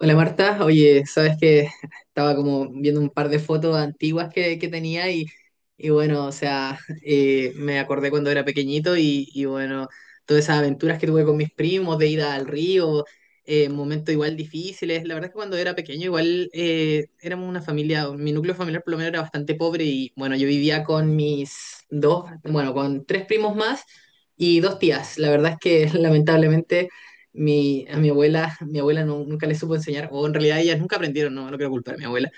Hola Marta, oye, sabes que estaba como viendo un par de fotos antiguas que tenía y bueno, o sea, me acordé cuando era pequeñito y bueno, todas esas aventuras que tuve con mis primos de ida al río, momentos igual difíciles. La verdad es que cuando era pequeño igual éramos una familia, mi núcleo familiar por lo menos era bastante pobre y bueno, yo vivía con mis dos, bueno, con tres primos más y dos tías. La verdad es que lamentablemente. A mi abuela, mi abuela nunca le supo enseñar, o en realidad ellas nunca aprendieron, no quiero culpar a mi abuela,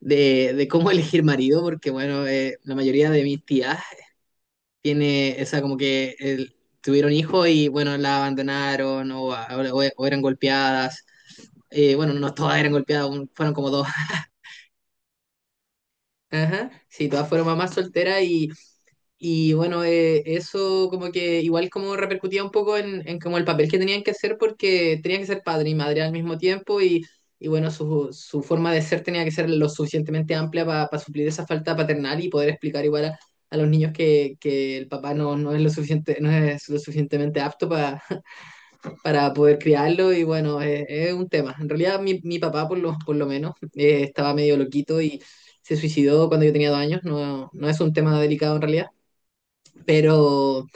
de cómo elegir marido, porque bueno, la mayoría de mis tías tiene esa como que tuvieron hijos y bueno, la abandonaron o eran golpeadas. Bueno, no todas eran golpeadas, fueron como dos. Ajá. Sí, todas fueron mamás solteras y bueno, eso como que igual como repercutía un poco en como el papel que tenían que hacer porque tenían que ser padre y madre al mismo tiempo y bueno, su forma de ser tenía que ser lo suficientemente amplia para suplir esa falta paternal y poder explicar igual a los niños que el papá no es lo suficiente, no es lo suficientemente apto para poder criarlo y bueno, es un tema. En realidad mi papá por lo, por lo menos estaba medio loquito y se suicidó cuando yo tenía 2 años, no es un tema delicado en realidad pero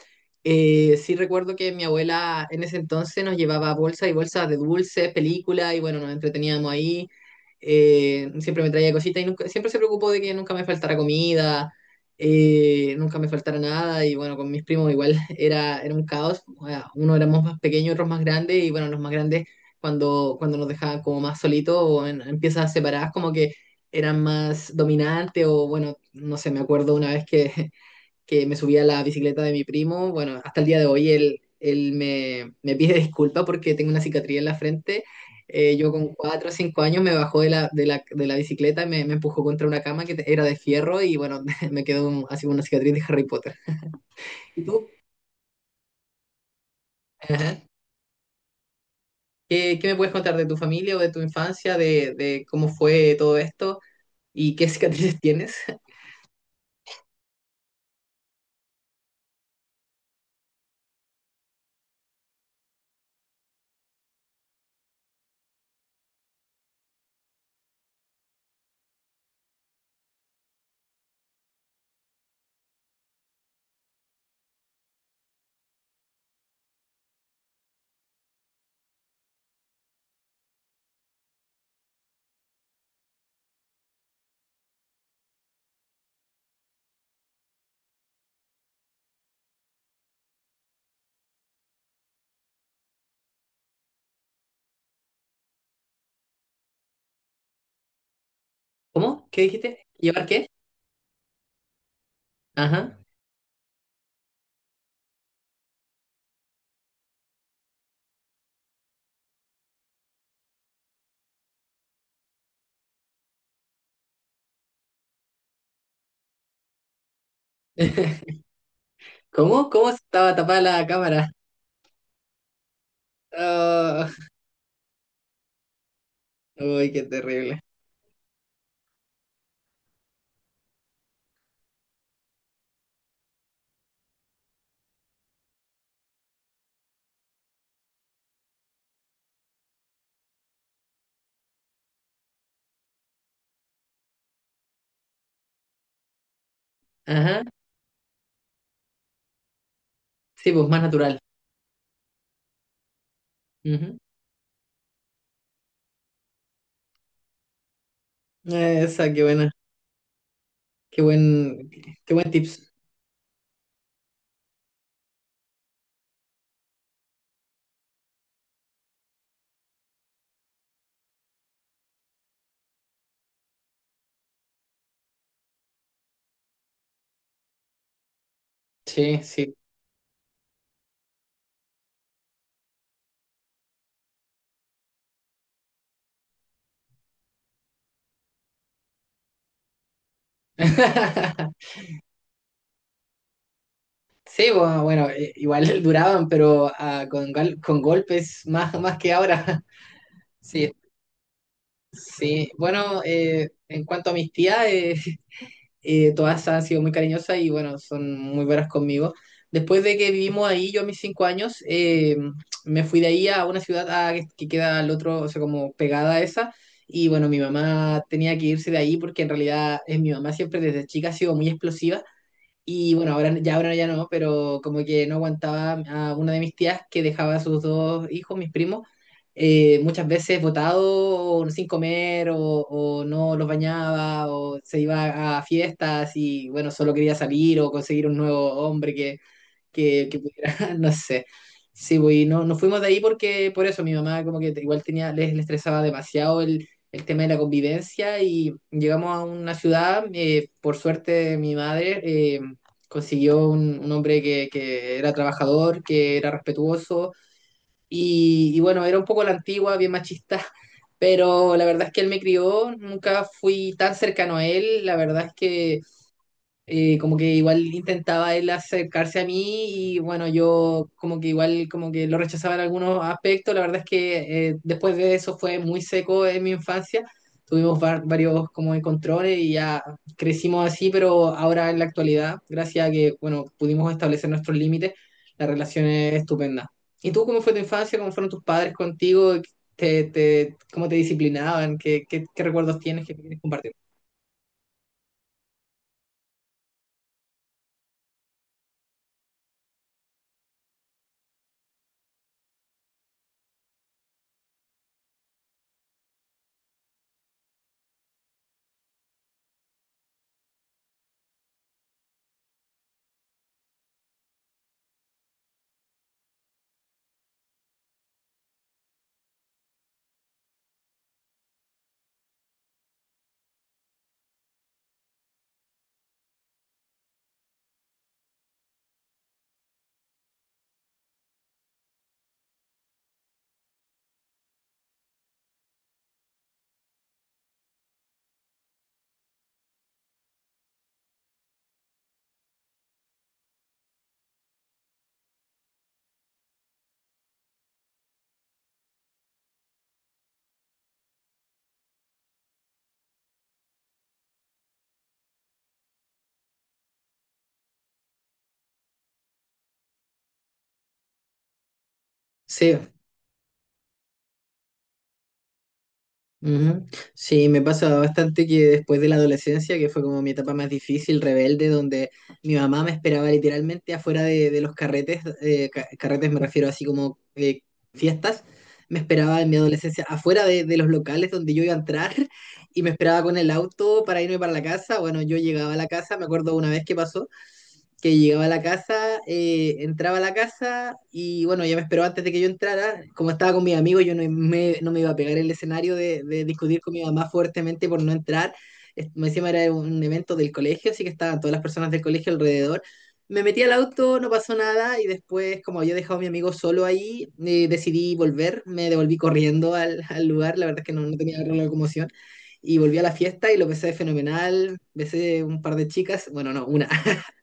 sí recuerdo que mi abuela en ese entonces nos llevaba bolsas y bolsas de dulces, películas, y bueno, nos entreteníamos ahí. Siempre me traía cositas y nunca, siempre se preocupó de que nunca me faltara comida, nunca me faltara nada. Y bueno, con mis primos igual era un caos. O sea, uno éramos más pequeños, otros más grandes, y bueno, los más grandes cuando nos dejaban como más solitos o en piezas separadas, como que eran más dominantes o bueno, no sé, me acuerdo una vez que me subí a la bicicleta de mi primo. Bueno, hasta el día de hoy él me pide disculpa porque tengo una cicatriz en la frente. Yo con 4 o 5 años me bajó de la bicicleta y me empujó contra una cama que era de fierro y bueno, me quedó así como una cicatriz de Harry Potter. ¿Y tú? Ajá. ¿Qué me puedes contar de tu familia o de tu infancia, de cómo fue todo esto y qué cicatrices tienes? ¿Cómo? ¿Qué dijiste? ¿Llevar qué? Ajá. ¿Cómo? ¿Cómo estaba tapada la cámara? Ah, uy, qué terrible. Ajá. Sí, pues más natural. Ujú. Esa, qué buena. Qué buen, qué buen tips. Sí, sí. Sí, bueno, bueno, igual duraban, pero ah, con golpes más, más que ahora. Sí, sí. Bueno, en cuanto a mis tías, todas han sido muy cariñosas y bueno, son muy buenas conmigo. Después de que vivimos ahí, yo a mis 5 años, me fui de ahí a una ciudad ah, que queda al otro, o sea, como pegada a esa. Y bueno, mi mamá tenía que irse de ahí porque en realidad mi mamá siempre desde chica ha sido muy explosiva y bueno, ahora ya no, pero como que no aguantaba a una de mis tías que dejaba a sus dos hijos, mis primos, muchas veces botados sin comer o no los bañaba o se iba a fiestas y bueno, solo quería salir o conseguir un nuevo hombre que pudiera, no sé. Sí, pues, y no, nos fuimos de ahí porque por eso mi mamá como que igual tenía, les estresaba demasiado el tema de la convivencia y llegamos a una ciudad, por suerte mi madre consiguió un hombre que era trabajador, que era respetuoso y bueno, era un poco a la antigua, bien machista, pero la verdad es que él me crió, nunca fui tan cercano a él, la verdad es que como que igual intentaba él acercarse a mí y bueno, yo como que igual como que lo rechazaba en algunos aspectos. La verdad es que después de eso fue muy seco en mi infancia. Tuvimos varios como encontrones y ya crecimos así, pero ahora en la actualidad, gracias a que, bueno, pudimos establecer nuestros límites, la relación es estupenda. ¿Y tú cómo fue tu infancia? ¿Cómo fueron tus padres contigo? ¿Cómo te disciplinaban? ¿Qué recuerdos tienes que quieres compartir? Sí. Ujú. Sí, me pasa bastante que después de la adolescencia, que fue como mi etapa más difícil, rebelde, donde mi mamá me esperaba literalmente afuera de los carretes, carretes me refiero así como fiestas, me esperaba en mi adolescencia afuera de los locales donde yo iba a entrar y me esperaba con el auto para irme para la casa. Bueno, yo llegaba a la casa, me acuerdo una vez que pasó que llegaba a la casa, entraba a la casa y bueno, ya me esperó antes de que yo entrara. Como estaba con mis amigos, yo no me iba a pegar el escenario de discutir con mi mamá fuertemente por no entrar. Me encima era un evento del colegio, así que estaban todas las personas del colegio alrededor. Me metí al auto, no pasó nada y después, como había dejado a mi amigo solo ahí, decidí volver, me devolví corriendo al lugar, la verdad es que no tenía la locomoción. Y volví a la fiesta y lo pasé fenomenal, besé un par de chicas, bueno, no, una.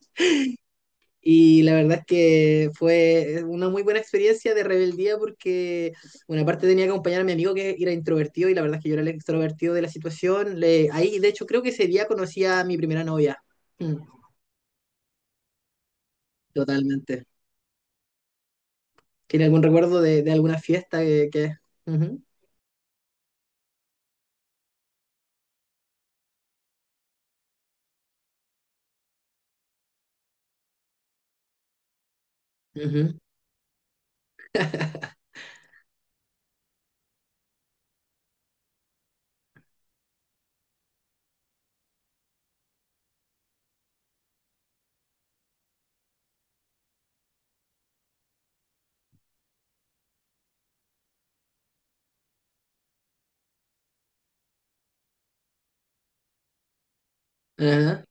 Y la verdad es que fue una muy buena experiencia de rebeldía porque, bueno, aparte tenía que acompañar a mi amigo que era introvertido y la verdad es que yo era el extrovertido de la situación. Ahí, de hecho, creo que ese día conocí a mi primera novia. Mm, totalmente. ¿Tiene algún recuerdo de alguna fiesta que? Ujú, ujú, ajá,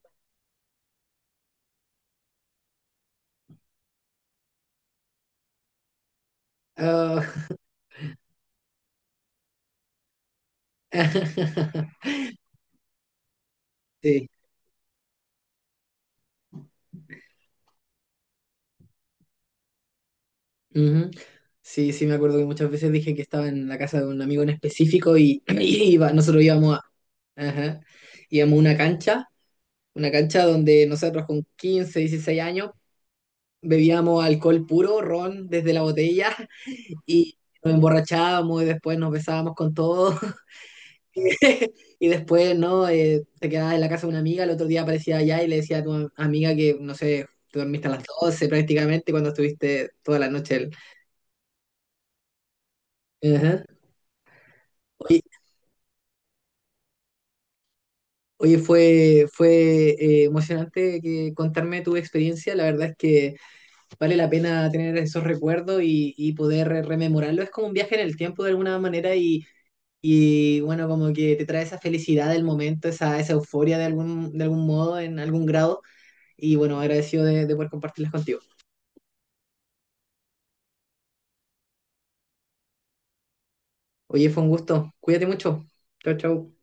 ah, Sí. Ujú. Sí, sí, me acuerdo que muchas veces dije que estaba en la casa de un amigo en específico y, y nosotros íbamos a, ajá, íbamos a una cancha. Una cancha donde nosotros con 15 o 16 años bebíamos alcohol puro, ron desde la botella y nos emborrachábamos y después nos besábamos con todo. Y después, ¿no? Te quedabas en la casa de una amiga, el otro día aparecía allá y le decía a tu amiga que, no sé, te dormiste a las 12 prácticamente cuando estuviste toda la noche. Ajá. Oye, oye, fue emocionante que contarme tu experiencia. La verdad es que vale la pena tener esos recuerdos y poder rememorarlo. Es como un viaje en el tiempo de alguna manera y, bueno, como que te trae esa felicidad del momento, esa euforia de algún modo, en algún grado. Y bueno, agradecido de poder compartirlas contigo. Oye, fue un gusto. Cuídate mucho. Chau, chau.